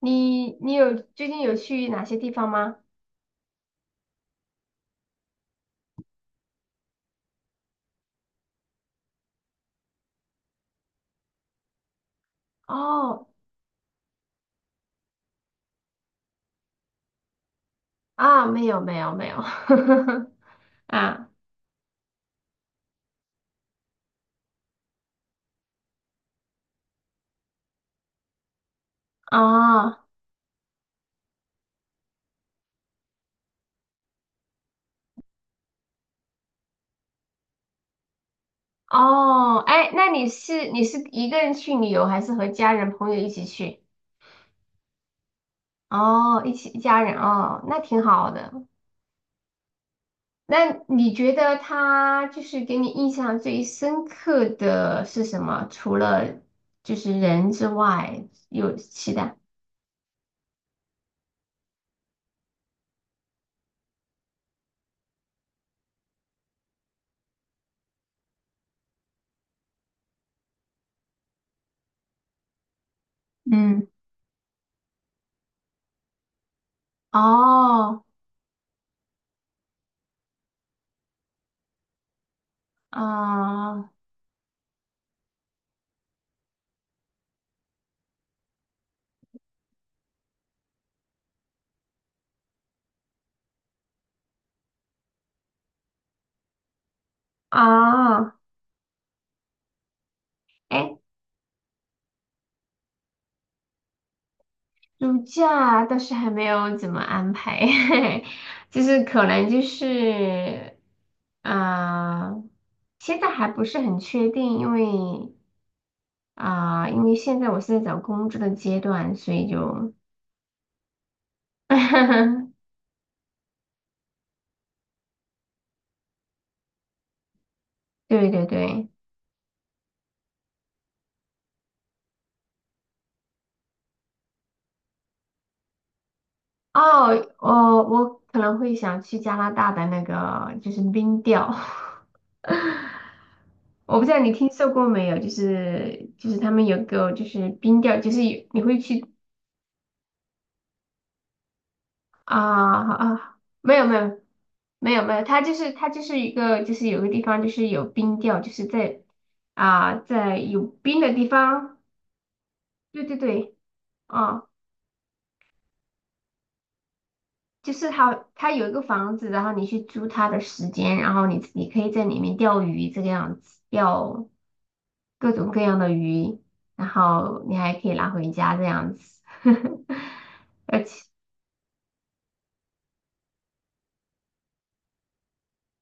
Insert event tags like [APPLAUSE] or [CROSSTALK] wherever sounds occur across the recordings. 你你有最近有去哪些地方吗？哦，啊，没有，[LAUGHS] 啊，哦哦，哎，那你是一个人去旅游，还是和家人朋友一起去？哦，一起一家人哦，那挺好的。那你觉得他就是给你印象最深刻的是什么？除了就是人之外，有其他？嗯，哦，啊、啊，哎、暑假倒是还没有怎么安排，[LAUGHS] 就是可能就是，啊、现在还不是很确定，因为啊、因为现在我是在找工作的阶段，所以就，[LAUGHS] 对对对，哦，我可能会想去加拿大的那个就是冰钓，[LAUGHS] 我不知道你听说过没有，就是他们有个就是冰钓，就是有你会去。啊啊，啊，没有，它就是一个就是有个地方就是有冰钓，就是在啊在有冰的地方，对对对，啊，就是它有一个房子，然后你去租它的时间，然后你可以在里面钓鱼这个样子，钓各种各样的鱼，然后你还可以拿回家这样子，[LAUGHS] 而且。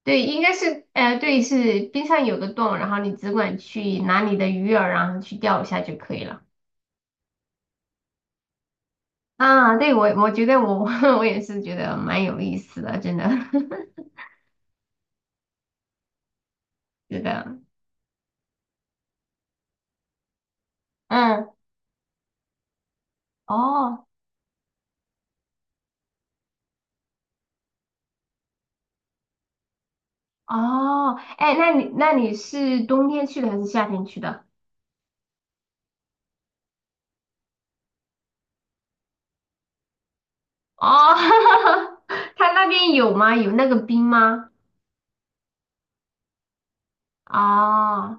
对，应该是，对，是冰上有个洞，然后你只管去拿你的鱼饵，然后去钓一下就可以了。啊，对，我觉得我 [LAUGHS] 我也是觉得蛮有意思的，真的，[LAUGHS] 是的，嗯，哦哦，哎，那你是冬天去的还是夏天去的？哦，[LAUGHS] 他那边有吗？有那个冰吗？哦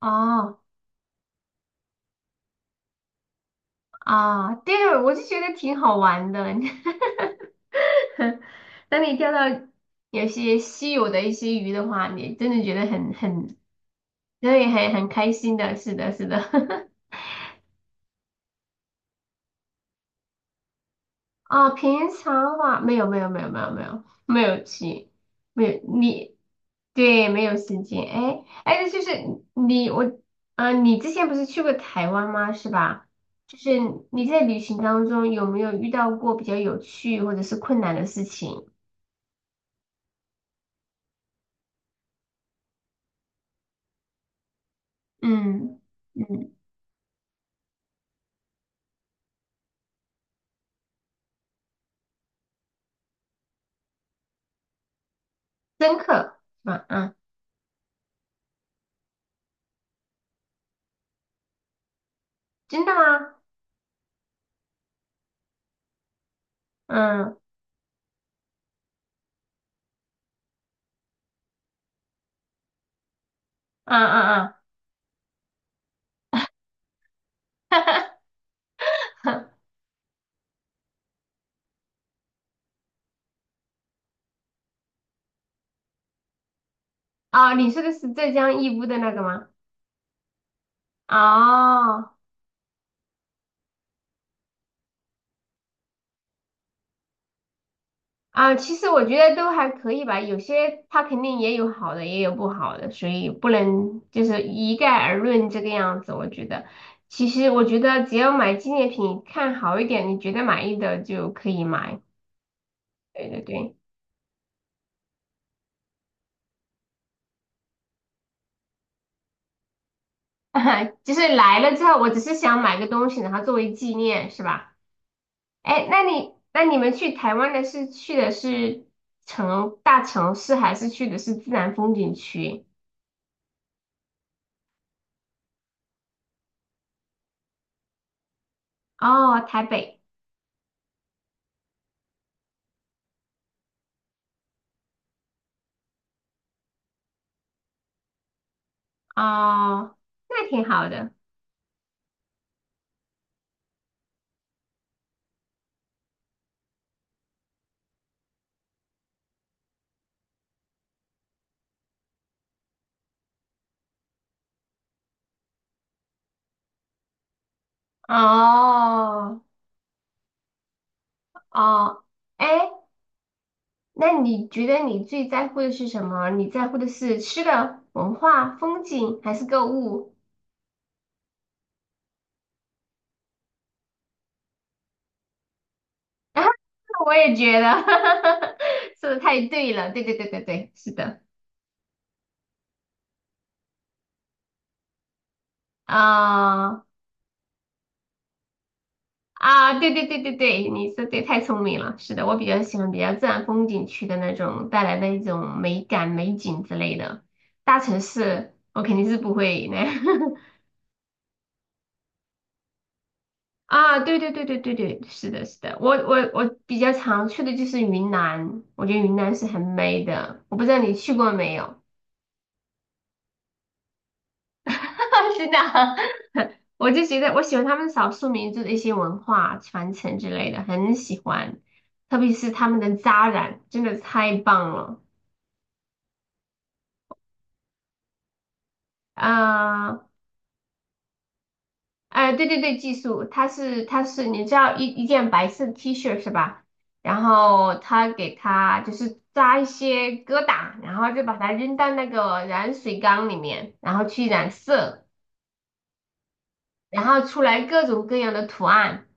哦，啊，对，我就觉得挺好玩的。[LAUGHS] [LAUGHS] 当你钓到有些稀有的一些鱼的话，你真的觉得很，所以很开心的。是的，是的。[LAUGHS] 啊，平常话没有去，没有你对没有时间。哎哎，就是你我你之前不是去过台湾吗？是吧？就是你在旅行当中有没有遇到过比较有趣或者是困难的事情？嗯嗯，深刻是吧？嗯，真的吗？嗯嗯，嗯嗯，[LAUGHS] 啊，你说的是浙江义乌的那个吗？哦，啊，其实我觉得都还可以吧，有些它肯定也有好的，也有不好的，所以不能就是一概而论这个样子。我觉得，其实我觉得只要买纪念品，看好一点，你觉得满意的就可以买。对对对，[LAUGHS] 就是来了之后，我只是想买个东西，然后作为纪念，是吧？哎，那你们去台湾的是城大城市，还是去的是自然风景区？哦，台北，哦，那挺好的，哦哦，哎，那你觉得你最在乎的是什么？你在乎的是吃的、文化、风景，还是购物？[LAUGHS] 啊，我也觉得，[LAUGHS] 说的太对了，对对对对对，是的，啊、啊，对对对对对，你说对，太聪明了。是的，我比较喜欢比较自然风景区的那种带来的一种美感、美景之类的。大城市我肯定是不会那 [LAUGHS] 啊，对对对对对对，是的，是的，我比较常去的就是云南，我觉得云南是很美的。我不知道你去过没有？[LAUGHS] 是的，[LAUGHS] 我就觉得我喜欢他们少数民族的一些文化传承之类的，很喜欢，特别是他们的扎染，真的太棒了。啊！哎、对对对，技术，他是，你知道一件白色的 T 恤是吧？然后他就是扎一些疙瘩，然后就把它扔到那个染水缸里面，然后去染色，然后出来各种各样的图案，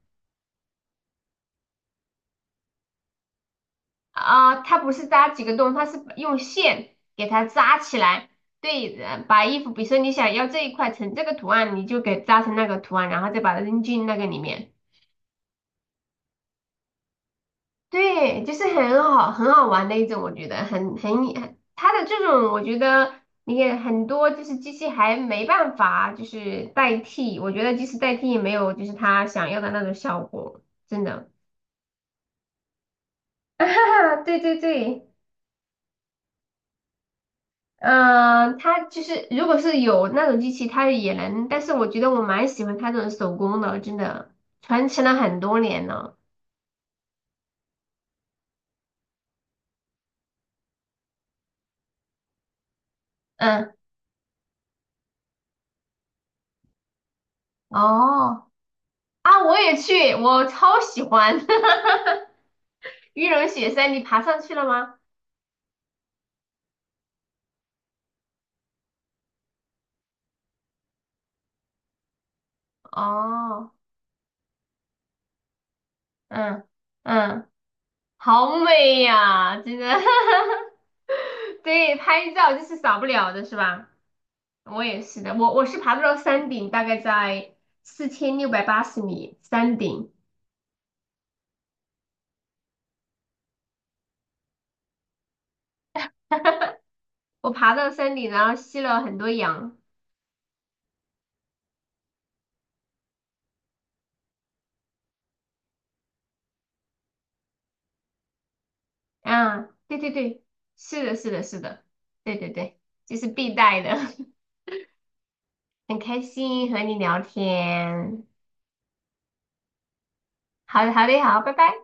啊、它不是扎几个洞，它是用线给它扎起来。对，把衣服，比如说你想要这一块成这个图案，你就给扎成那个图案，然后再把它扔进那个里面。对，就是很好很好玩的一种，我觉得很它的这种，我觉得你也很多就是机器还没办法就是代替，我觉得即使代替也没有就是它想要的那种效果，真的。[LAUGHS] 啊对对对，嗯、它就是如果是有那种机器，它也能，但是我觉得我蛮喜欢它这种手工的，真的传承了很多年了。嗯，哦，啊，我也去，我超喜欢。[LAUGHS] 玉龙雪山，你爬上去了吗？哦，嗯嗯，好美呀，真的。[LAUGHS] 对，拍照就是少不了的，是吧？我也是的，我是爬到了山顶，大概在4680米山顶，我爬到山顶，然后吸了很多氧。啊，对对对，是的，是的，是的，对对对，这是必带的。[LAUGHS] 很开心和你聊天，好的好的好，拜拜。